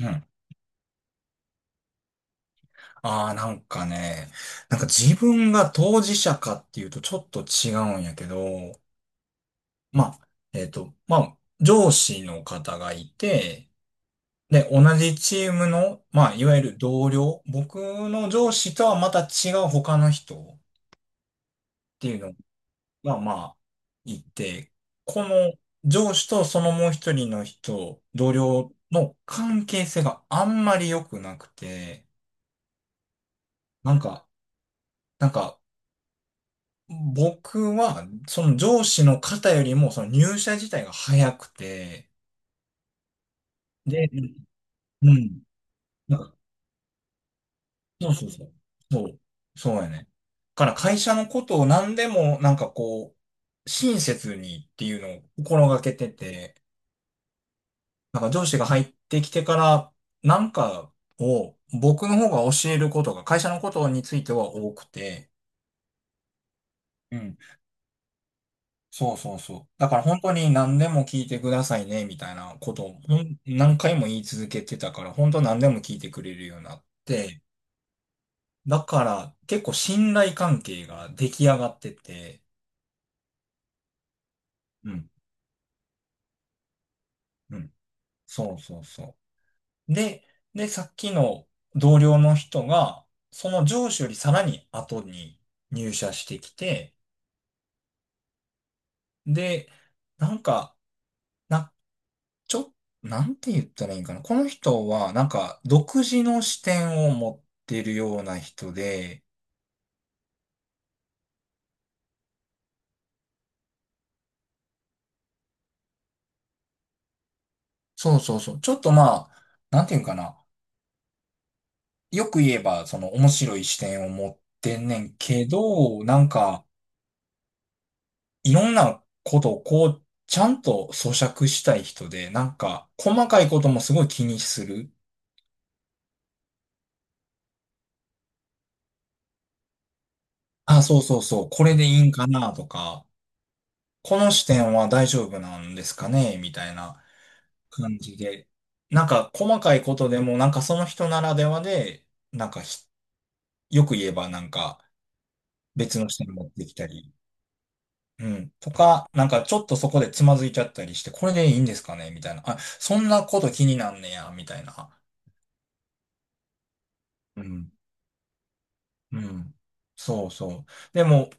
うん。ああ、なんかね、なんか自分が当事者かっていうとちょっと違うんやけど、まあ、まあ、上司の方がいて、で、同じチームの、まあ、いわゆる同僚、僕の上司とはまた違う他の人っていうのが、まあ、いて、この上司とそのもう一人の人、同僚の関係性があんまり良くなくて、なんか、なんか、僕は、その上司の方よりも、その入社自体が早くて、で、うん。なんかそうそうそう。そう。そうやね。だから会社のことを何でも、なんかこう、親切にっていうのを心がけてて、なんか上司が入ってきてから、なんかを僕の方が教えることが、会社のことについては多くて、そうそうそう。だから本当に何でも聞いてくださいね、みたいなことをほん何回も言い続けてたから、本当何でも聞いてくれるようになって、だから結構信頼関係が出来上がってて、うん、うん。そうそうそう。で、さっきの同僚の人が、その上司よりさらに後に入社してきて、で、なんか、なちょっ、なんて言ったらいいんかな。この人は、なんか、独自の視点を持ってるような人で、そうそうそう。ちょっとまあ、なんて言うんかな。よく言えば、その面白い視点を持ってんねんけど、なんか、いろんなことをこう、ちゃんと咀嚼したい人で、なんか、細かいこともすごい気にする。あ、そうそうそう。これでいいんかなとか、この視点は大丈夫なんですかねみたいな。感じで。なんか細かいことでも、なんかその人ならではで、なんかよく言えばなんか別の人に持ってきたり、うん、とか、なんかちょっとそこでつまずいちゃったりして、これでいいんですかねみたいな。あ、そんなこと気になんねや、みたいな。うん、うん。そうそう。でも、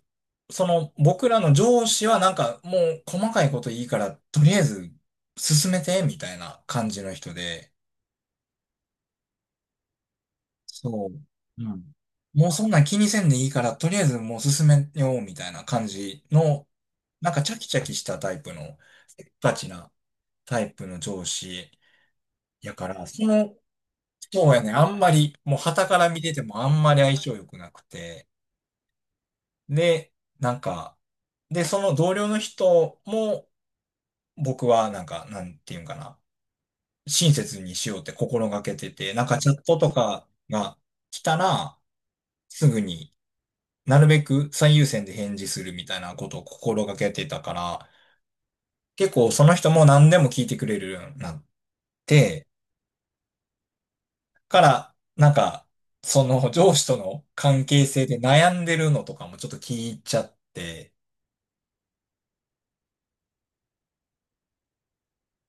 その僕らの上司はなんかもう細かいこといいから、とりあえず進めて、みたいな感じの人で、そう。うん。もうそんなん気にせんでいいから、とりあえずもう進めようみたいな感じの、なんかチャキチャキしたタイプの、せっかちなタイプの上司やから、その、そうやね、あんまり、もう傍から見ててもあんまり相性良くなくて、で、なんか、で、その同僚の人も、僕はなんか、なんていうんかな、親切にしようって心がけてて、なんかチャットとかが来たら、すぐに、なるべく最優先で返事するみたいなことを心がけてたから、結構その人も何でも聞いてくれるようになって、から、なんか、その上司との関係性で悩んでるのとかもちょっと聞いちゃって、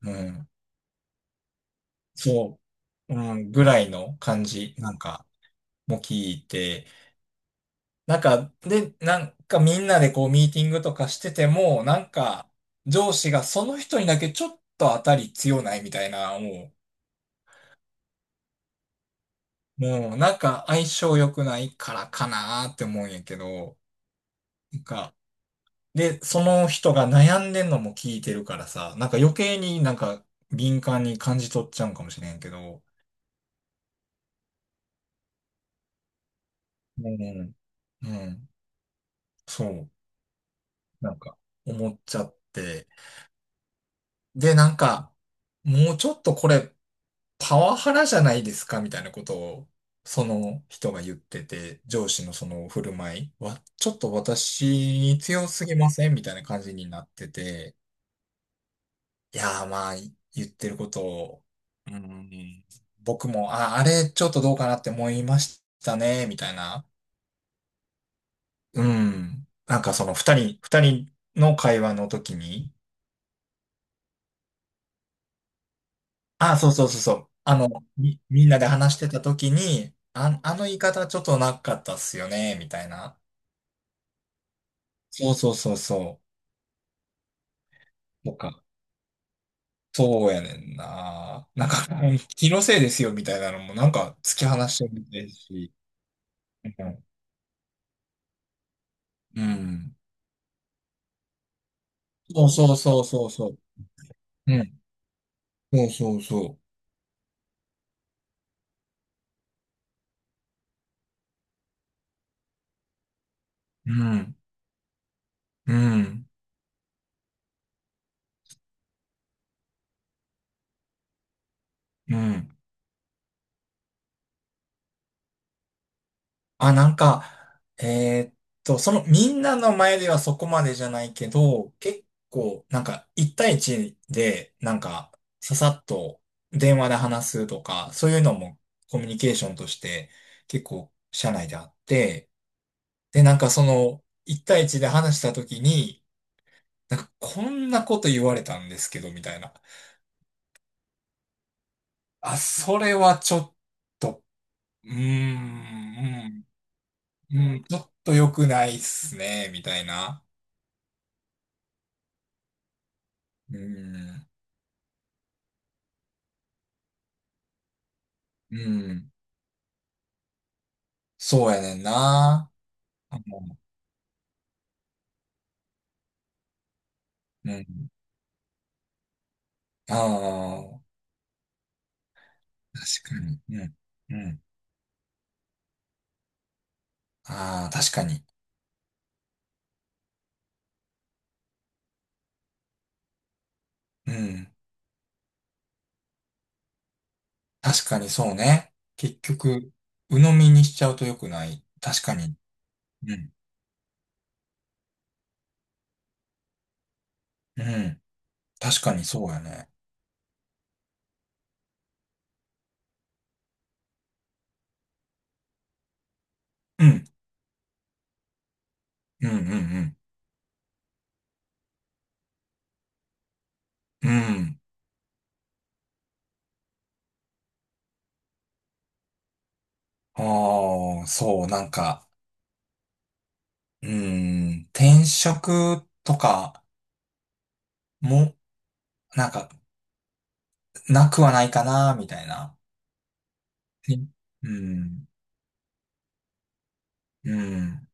うん、そう、うん、ぐらいの感じ、なんか、も聞いて、なんか、で、なんかみんなでこうミーティングとかしてても、なんか、上司がその人にだけちょっと当たり強ないみたいな、もう、もうなんか相性良くないからかなーって思うんやけど、なんか、で、その人が悩んでんのも聞いてるからさ、なんか余計になんか敏感に感じ取っちゃうんかもしれんけど、うん、うん、そう、なんか思っちゃって、で、なんか、もうちょっとこれ、パワハラじゃないですかみたいなことを、その人が言ってて、上司のその振る舞いは、ちょっと私に強すぎませんみたいな感じになってて、いやーまあ、言ってることを、うん、僕も、あ、あれちょっとどうかなって思いましたね、みたいな。うん。なんかその二人の会話の時に、あ、そうそうそうそう。あの、みんなで話してた時に、あ、あの言い方ちょっとなかったっすよね、みたいな。そうそうそうそう。とか。そうやねんな。なんか、うん気のせいですよ、みたいなのも、なんか、突き放してるみたいだし。うん。うんそうそうそうそうそう。うん。そうそうそう。うん。うん。うん。あ、なんか、そのみんなの前ではそこまでじゃないけど、結構、なんか、一対一で、なんか、ささっと電話で話すとか、そういうのもコミュニケーションとして結構社内であって、で、なんかその、一対一で話した時に、なんか、こんなこと言われたんですけど、みたいな。あ、それはちょっと、うーん、うん、うん、ちょっと良くないっすね、みたいな。うん。うん。そうやねんな。あのうん。ああ、確かに。うん。うん。ああ、確かに。うん。確かにそうね。結局、鵜呑みにしちゃうと良くない。確かに。うん。うん。確かにそうやね。うん。うん、うん、うん。うん。ああ、そう、なんか、うーん。転職とかも、なんか、なくはないかな、みたいな。ね。うん。うん。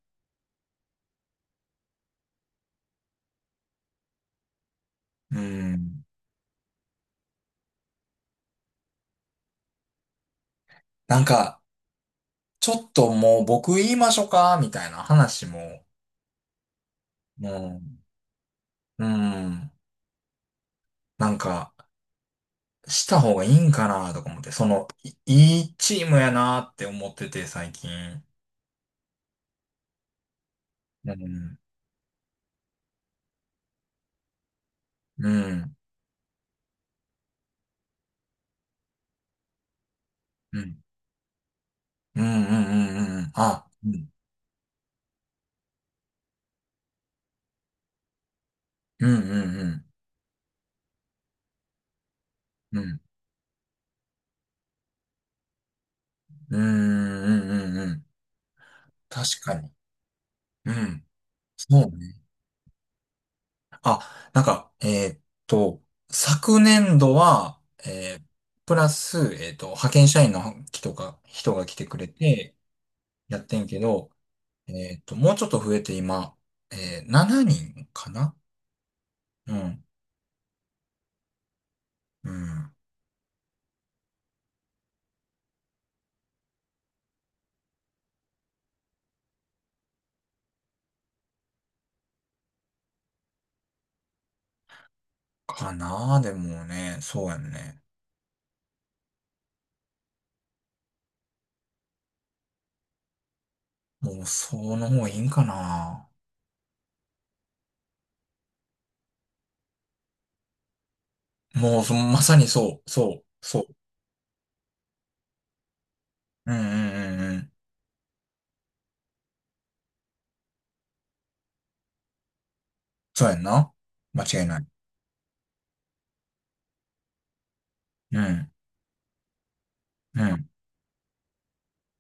うん。なんか、ちょっともう僕言いましょうかみたいな話も、もう、うん。なんか、した方がいいんかなとか思って、その、いいいチームやなって思ってて、最近。うん。うん。うん。うんうんうんうんうん。あ、うん。うんうんうん。うん。うんうんうんうん。確かに。うん。そうね。あ、なんか、ーっと、昨年度は、えープラス、派遣社員の人が、来てくれて、やってんけど、もうちょっと増えて今、7人かな。うん。うん。かなでもね、そうやんね。もう、その方がいいんかな。もう、まさにそう、そう、そう。うんうんうんうん。そうやんな。間違いない。うん、うん、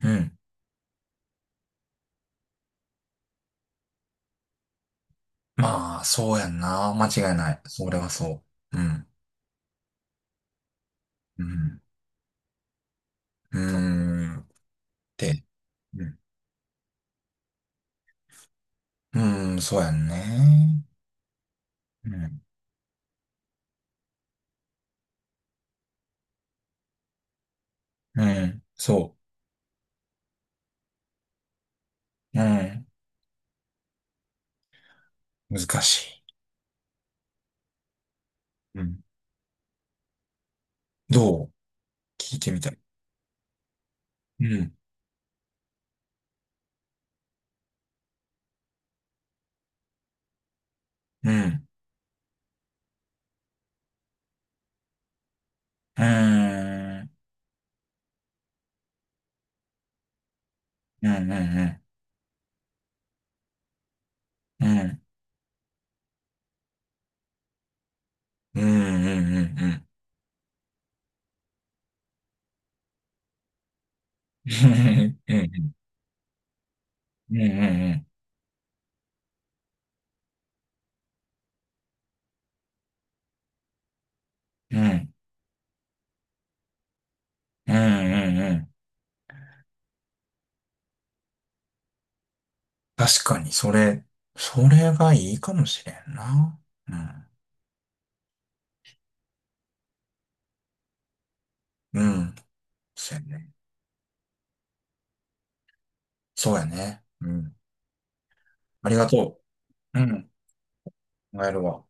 うん。まあ、そうやんな。間違いない。それはそう。うん。うん。うーん。で、うん。うーん、そうやんね。うん。うん。そう。うん。難しい。うん。どう。聞いてみたい。うん。うん。うーん。うん。うん。うん。うん。うん。うん。うん。うん。うん。うん。うん。うん。うん。うん。確かに、それがいいかもしれんな。うん。うん。そうやね。そうやね。うん。ありがとう。うん。考えるわ。